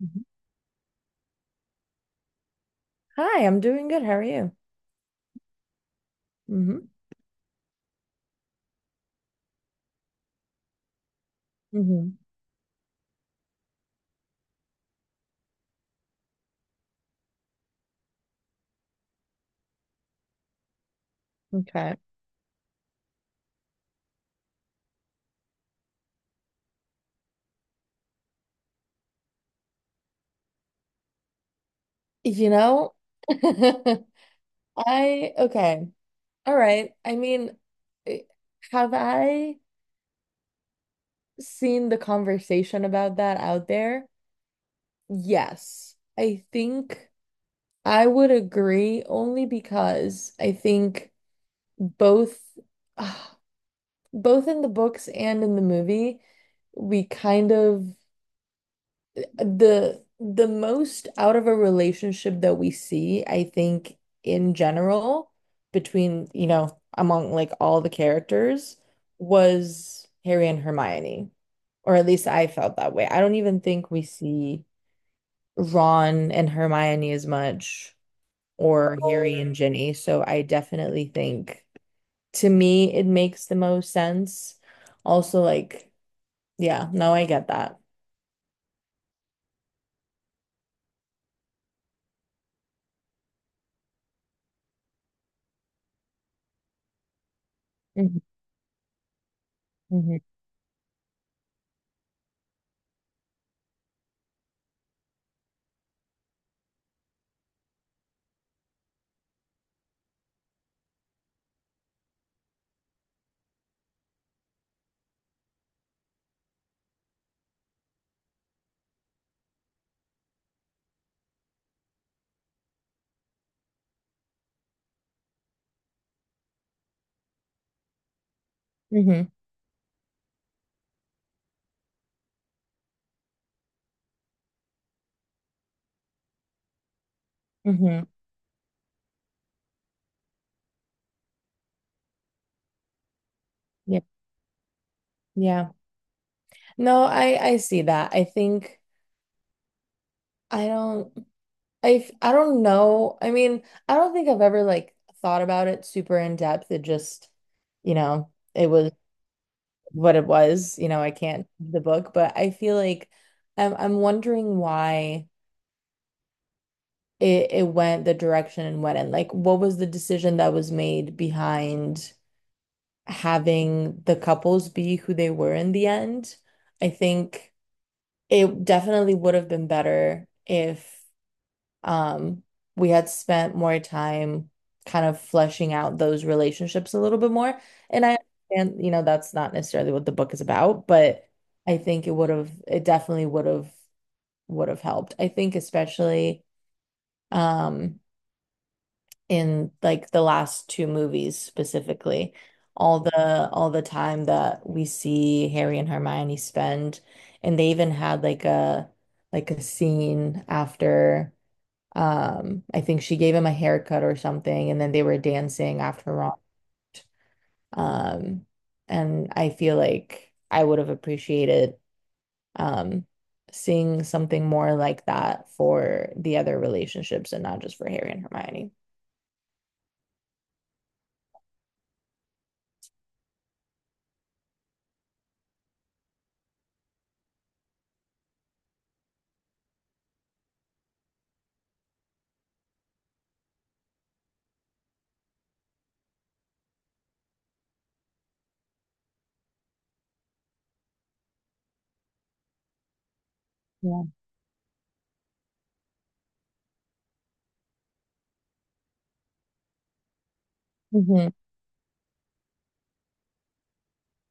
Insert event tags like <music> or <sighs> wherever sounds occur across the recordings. Mhm. Hi, I'm doing good. How are you? hmm hmm Okay. You know, <laughs> okay. All right. I mean, eh, have I seen the conversation about that out there? Yes. I think I would agree only because I think both, <sighs> ah, both in the books and in the movie, we kind of the most out of a relationship that we see, I think in general, between, you know, among like all the characters was Harry and Hermione. Or at least I felt that way. I don't even think we see Ron and Hermione as much or Harry and Ginny. So I definitely think to me it makes the most sense. Also like, yeah, no, I get that. hmm hmm hmm hmm Yeah. Yeah. No, I see that. I think I don't I don't know. I mean, I don't think I've ever like thought about it super in depth. It just, you know, it was what it was. You know, I can't read the book, but I feel like I'm wondering why it went the direction it went in. Like, what was the decision that was made behind having the couples be who they were in the end? I think it definitely would have been better if um, we had spent more time kind of fleshing out those relationships a little bit more. And I understand, you know, that's not necessarily what the book is about, but I think it definitely would have helped. I think especially um, in like the last two movies specifically, all the time that we see Harry and Hermione spend, and they even had like a scene after I think she gave him a haircut or something, and then they were dancing after Ron. Um, and I feel like I would have appreciated um seeing something more like that for the other relationships and not just for Harry and Hermione. Yeah. hmm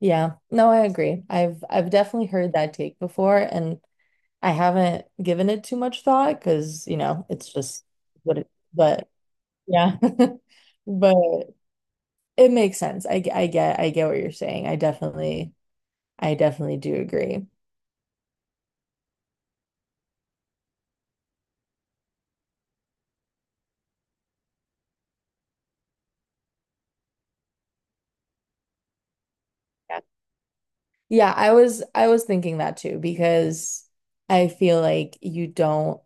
Yeah. No, I agree. I've definitely heard that take before, and I haven't given it too much thought because, you know, it's just what it, but yeah. <laughs> But it makes sense. I get what you're saying. I definitely do agree. Yeah. Yeah, I was thinking that too because I feel like you don't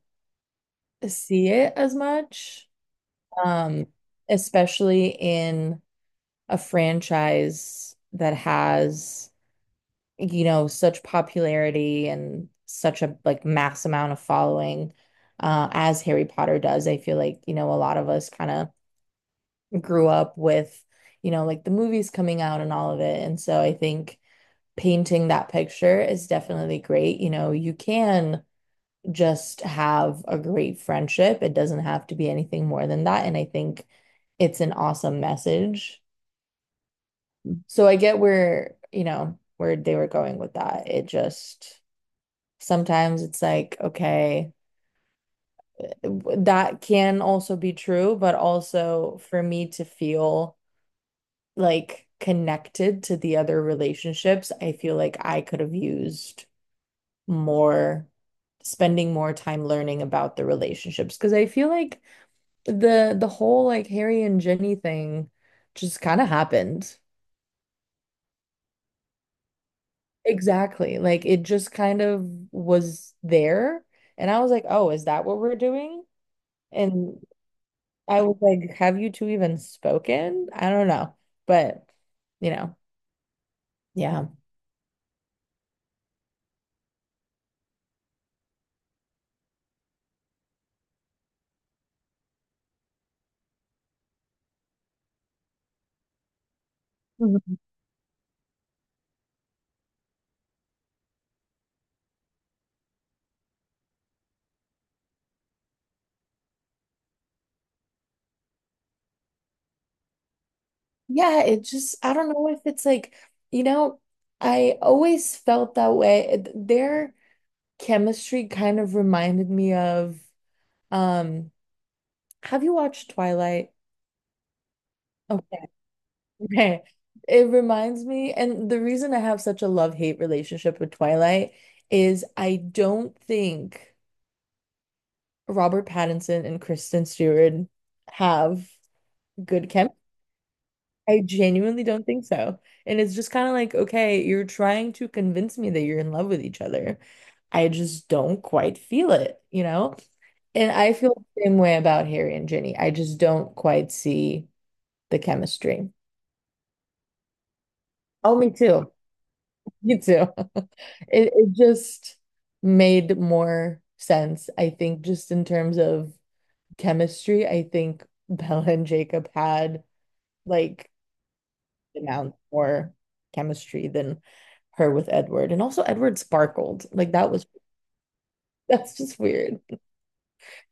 see it as much, um, especially in a franchise that has, you know, such popularity and such a like mass amount of following, as Harry Potter does. I feel like, you know, a lot of us kind of grew up with, you know, like the movies coming out and all of it. And so I think painting that picture is definitely great. You know, you can just have a great friendship, it doesn't have to be anything more than that. And I think it's an awesome message. So I get where, you know, where they were going with that. It just sometimes it's like, okay, that can also be true, but also for me to feel like connected to the other relationships, I feel like I could have used more spending more time learning about the relationships because I feel like the whole like Harry and Ginny thing just kind of happened. Exactly. Like it just kind of was there and I was like, "Oh, is that what we're doing?" And I was like, "Have you two even spoken?" I don't know. But, you know, yeah. Yeah, it just, I don't know if it's like, you know, I always felt that way. Their chemistry kind of reminded me of, um, have you watched Twilight? Okay, <laughs> okay. It reminds me, and the reason I have such a love-hate relationship with Twilight is I don't think Robert Pattinson and Kristen Stewart have good chemistry. I genuinely don't think so. And it's just kind of like, okay, you're trying to convince me that you're in love with each other. I just don't quite feel it, you know? And I feel the same way about Harry and Ginny. I just don't quite see the chemistry. Oh, me too. Me too. <laughs> It just made more sense, I think, just in terms of chemistry. I think Bella and Jacob had like amount more chemistry than her with Edward. And also Edward sparkled. Like that was <laughs> that's just weird.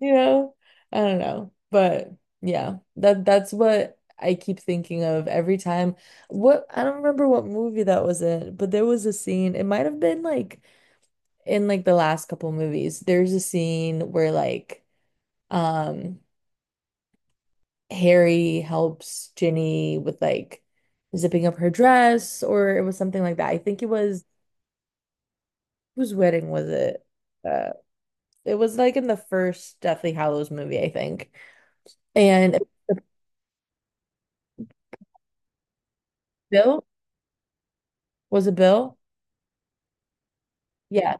You know? I don't know. But yeah, that that's what I keep thinking of every time. What I don't remember what movie that was in, but there was a scene, it might have been like in like the last couple movies. There's a scene where like um Harry helps Ginny with like zipping up her dress or it was something like that. I think it was whose wedding was it? Uh, it was like in the first Deathly Hallows movie, I think. And Bill was it Bill? Yeah,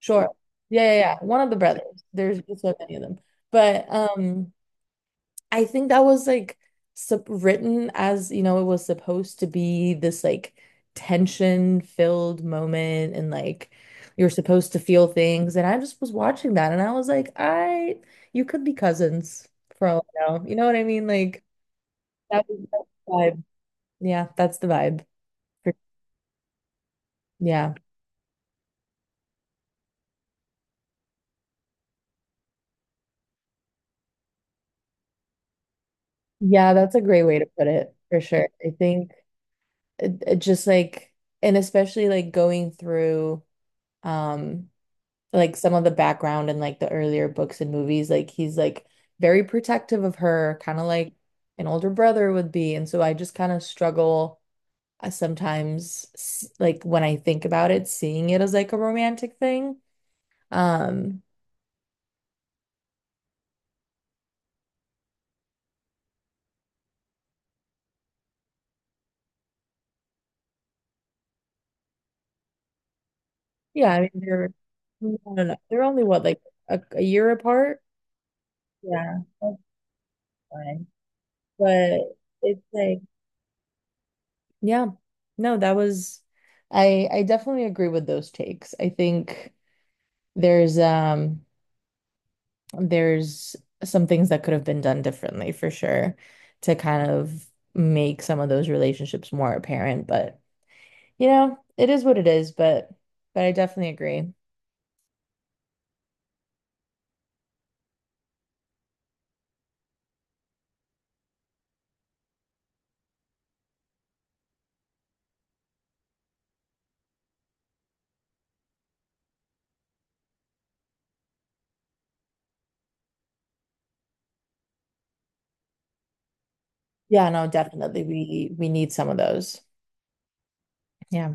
sure. Yeah, yeah, yeah. One of the brothers. There's just so many of them. But I think that was like sup written as you know, it was supposed to be this like tension-filled moment, and like you're supposed to feel things. And I just was watching that, and I was like, you could be cousins for all I know. You know what I mean? Like. That is the vibe. Yeah, that's the vibe. For- Yeah. Yeah, that's a great way to put it for sure. I think it just like and especially like going through um like some of the background and like the earlier books and movies, like he's like very protective of her, kind of like an older brother would be. And so I just kind of struggle sometimes like when I think about it, seeing it as like a romantic thing. Um, Yeah, I mean they're no, no, no. They're only what like a year apart. Yeah, that's fine. But it's like, yeah. No, that was I definitely agree with those takes. I think there's um there's some things that could have been done differently for sure to kind of make some of those relationships more apparent, but you know, it is what it is, but I definitely agree. Yeah, no, definitely we need some of those. Yeah.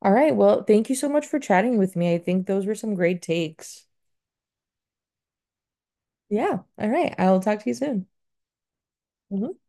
All right. Well, thank you so much for chatting with me. I think those were some great takes. Yeah. All right. I'll talk to you soon. Mhm.